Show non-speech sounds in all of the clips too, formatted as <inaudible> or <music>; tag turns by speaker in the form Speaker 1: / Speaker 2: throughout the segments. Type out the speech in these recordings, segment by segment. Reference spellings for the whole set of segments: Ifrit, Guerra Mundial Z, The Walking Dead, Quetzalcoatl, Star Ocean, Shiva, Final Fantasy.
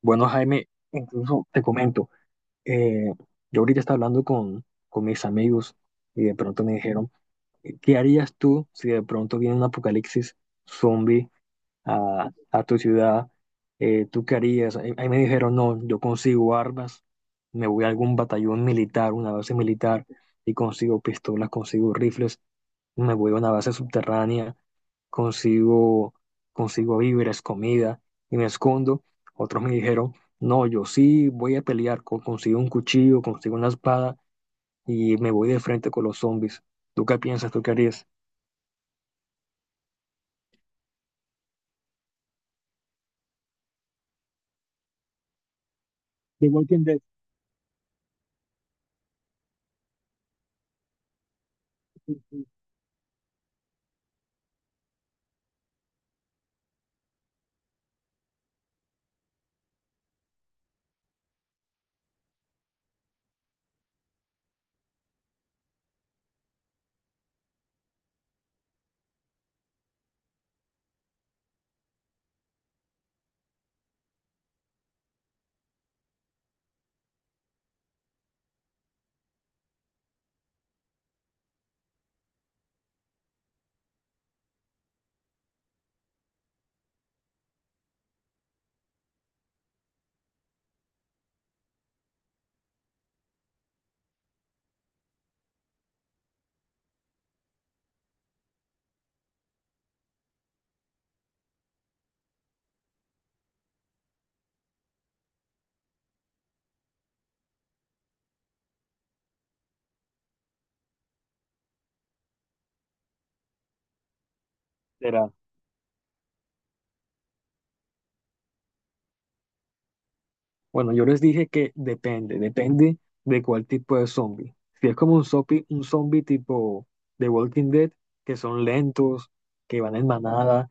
Speaker 1: Bueno, Jaime, incluso te comento, eh, yo ahorita estaba hablando con mis amigos y de pronto me dijeron, ¿qué harías tú si de pronto viene un apocalipsis zombie a tu ciudad? ¿Tú qué harías? Ahí me dijeron, no, yo consigo armas, me voy a algún batallón militar, una base militar, y consigo pistolas, consigo rifles, me voy a una base subterránea consigo, consigo víveres, comida y me escondo. Otros me dijeron, no, yo sí voy a pelear, consigo un cuchillo, consigo una espada y me voy de frente con los zombies. ¿Tú qué piensas? ¿Tú qué harías? The Walking Dead será. Bueno, yo les dije que depende, depende de cuál tipo de zombie. Si es como un zombie tipo de Walking Dead, que son lentos, que van en manada,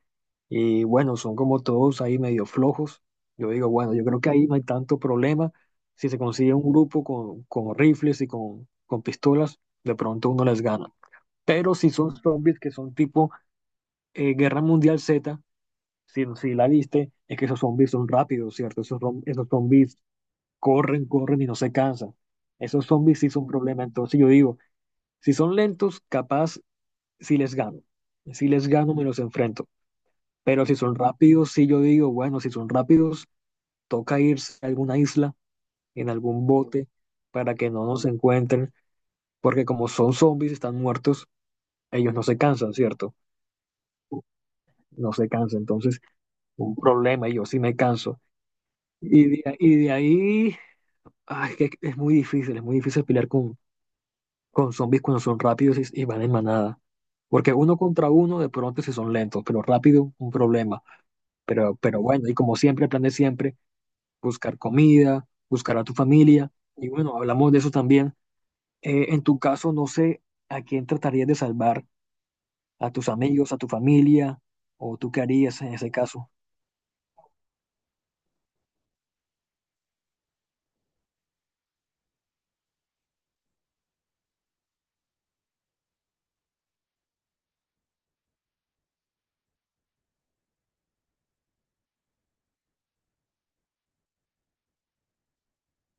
Speaker 1: y bueno, son como todos ahí medio flojos. Yo digo, bueno, yo creo que ahí no hay tanto problema. Si se consigue un grupo con rifles y con pistolas, de pronto uno les gana. Pero si son zombies que son tipo Guerra Mundial Z, si la viste, es que esos zombies son rápidos, ¿cierto? Esos, esos zombies corren, corren y no se cansan. Esos zombies sí son un problema. Entonces yo digo, si son lentos, capaz sí les gano. Si les gano, me los enfrento. Pero si son rápidos, sí yo digo, bueno, si son rápidos, toca irse a alguna isla, en algún bote, para que no nos encuentren, porque como son zombies, están muertos, ellos no se cansan, ¿cierto? No se cansan. Entonces, un problema, y yo sí me canso. Y de ahí, ay, es que es muy difícil pelear con zombies cuando son rápidos y van en manada. Porque uno contra uno, de pronto si son lentos, pero rápido, un problema. Pero bueno, y como siempre, el plan de siempre, buscar comida, buscar a tu familia. Y bueno, hablamos de eso también. En tu caso, no sé a quién tratarías de salvar, a tus amigos, a tu familia, o tú qué harías en ese caso.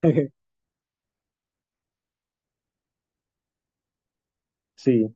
Speaker 1: <laughs> Sí,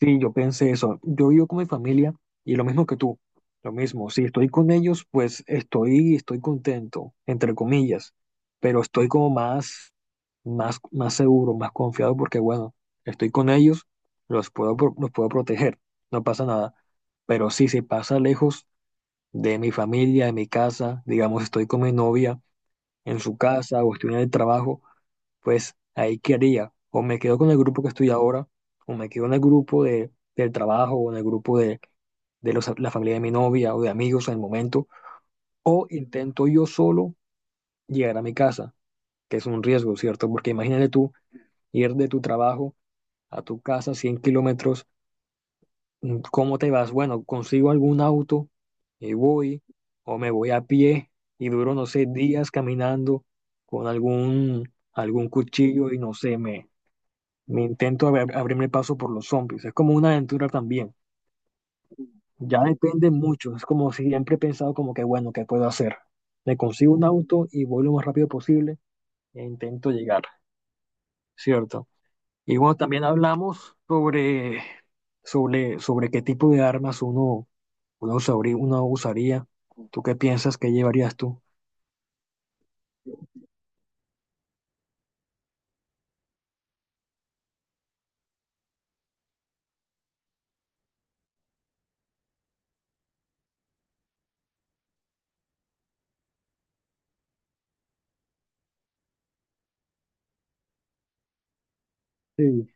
Speaker 1: sí, yo pensé eso. Yo vivo con mi familia y lo mismo que tú. Lo mismo, si estoy con ellos, pues estoy, estoy contento, entre comillas, pero estoy como más, más, más seguro, más confiado porque, bueno, estoy con ellos, los puedo, los puedo proteger, no pasa nada. Pero sí, si pasa lejos de mi familia, de mi casa, digamos, estoy con mi novia en su casa o estoy en el trabajo, pues ahí qué haría. O me quedo con el grupo que estoy ahora, o me quedo en el grupo del trabajo, o en el grupo de la familia de mi novia o de amigos en el momento, o intento yo solo llegar a mi casa, que es un riesgo, ¿cierto? Porque imagínate tú ir de tu trabajo a tu casa 100 kilómetros, mm, ¿cómo te vas? Bueno, consigo algún auto y voy, o me voy a pie y duro, no sé, días caminando con algún cuchillo y no sé, me intento abrirme paso por los zombies. Es como una aventura también. Ya depende mucho. Es como siempre he pensado como que, bueno, ¿qué puedo hacer? Me consigo un auto y voy lo más rápido posible e intento llegar, ¿cierto? Y bueno, también hablamos sobre qué tipo de armas uno usaría. ¿Tú qué piensas que llevarías tú? Sí.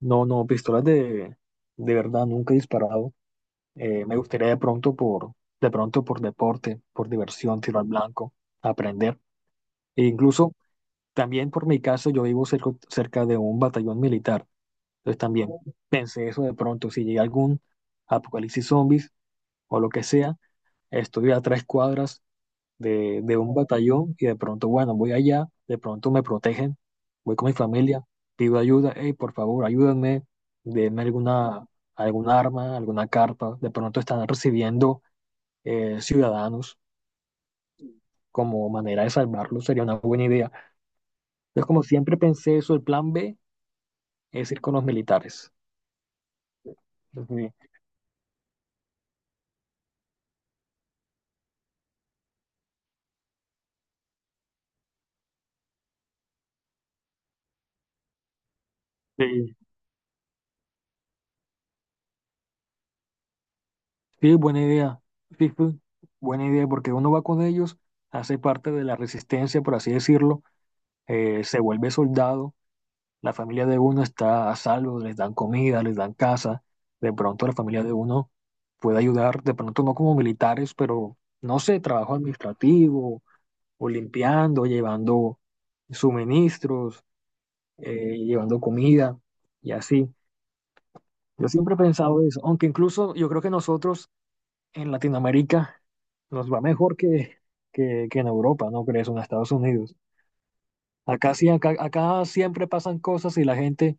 Speaker 1: No, no, pistolas de verdad, nunca he disparado. Me gustaría de pronto por deporte, por diversión, tiro al blanco, aprender. E incluso también por mi caso, yo vivo cerca, cerca de un batallón militar. Entonces también pensé eso de pronto, si llega algún apocalipsis zombies o lo que sea, estoy a 3 cuadras de un batallón y de pronto, bueno, voy allá, de pronto me protegen, voy con mi familia, pido ayuda, hey, por favor, ayúdenme, denme alguna, alguna arma, alguna carta, de pronto están recibiendo ciudadanos como manera de salvarlos, sería una buena idea. Entonces, como siempre pensé eso, el plan B es ir con los militares. Entonces, sí, sí, sí, buena idea. Sí, sí, buena idea, porque uno va con ellos, hace parte de la resistencia, por así decirlo, se vuelve soldado, la familia de uno está a salvo, les dan comida, les dan casa, de pronto la familia de uno puede ayudar, de pronto no como militares, pero no sé, trabajo administrativo o limpiando, llevando suministros, llevando comida y así. Yo siempre he pensado eso, aunque incluso yo creo que nosotros en Latinoamérica nos va mejor que en Europa, ¿no crees? O en Estados Unidos. Acá sí, acá, acá siempre pasan cosas y la gente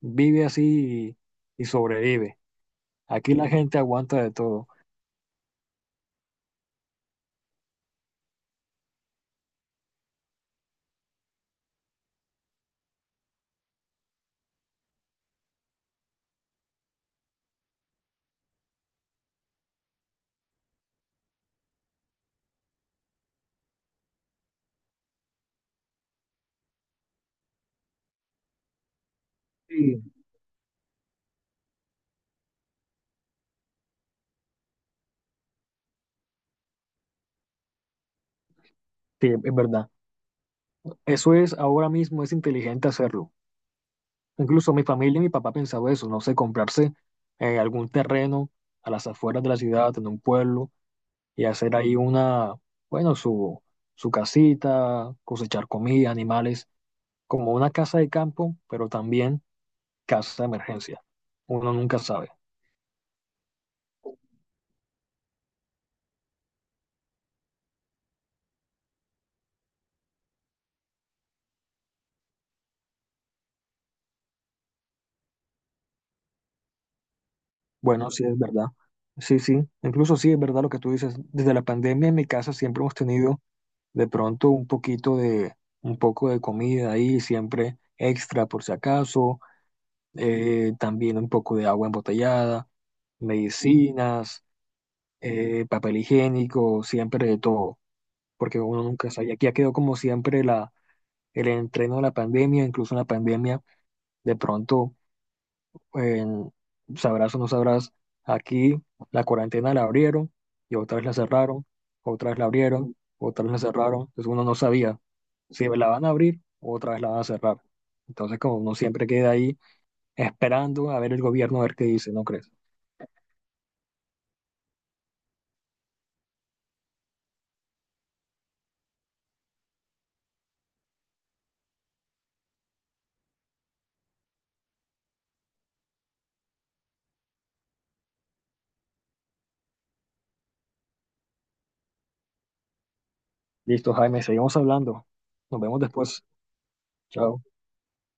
Speaker 1: vive así y sobrevive. Aquí la gente aguanta de todo. Sí. Sí, es verdad. Eso es ahora mismo, es inteligente hacerlo. Incluso mi familia y mi papá pensaba eso, no sé, comprarse algún terreno a las afueras de la ciudad, en un pueblo, y hacer ahí una, bueno, su casita, cosechar comida, animales, como una casa de campo, pero también casa de emergencia. Uno nunca sabe. Bueno, sí es verdad. Sí, sí, incluso sí es verdad lo que tú dices. Desde la pandemia en mi casa siempre hemos tenido de pronto un poquito de, un poco de comida ahí, siempre extra por si acaso también un poco de agua embotellada, medicinas, papel higiénico, siempre de todo, porque uno nunca sabe. Y aquí ya quedó como siempre la, el entreno de la pandemia, incluso en la pandemia, de pronto, en- sabrás o no sabrás, aquí la cuarentena la abrieron y otra vez la cerraron, otra vez la abrieron, otra vez la cerraron, entonces uno no sabía si la van a abrir o otra vez la van a cerrar. Entonces, como uno siempre queda ahí esperando a ver el gobierno a ver qué dice, ¿no crees? Listo, Jaime, seguimos hablando. Nos vemos después. Chao.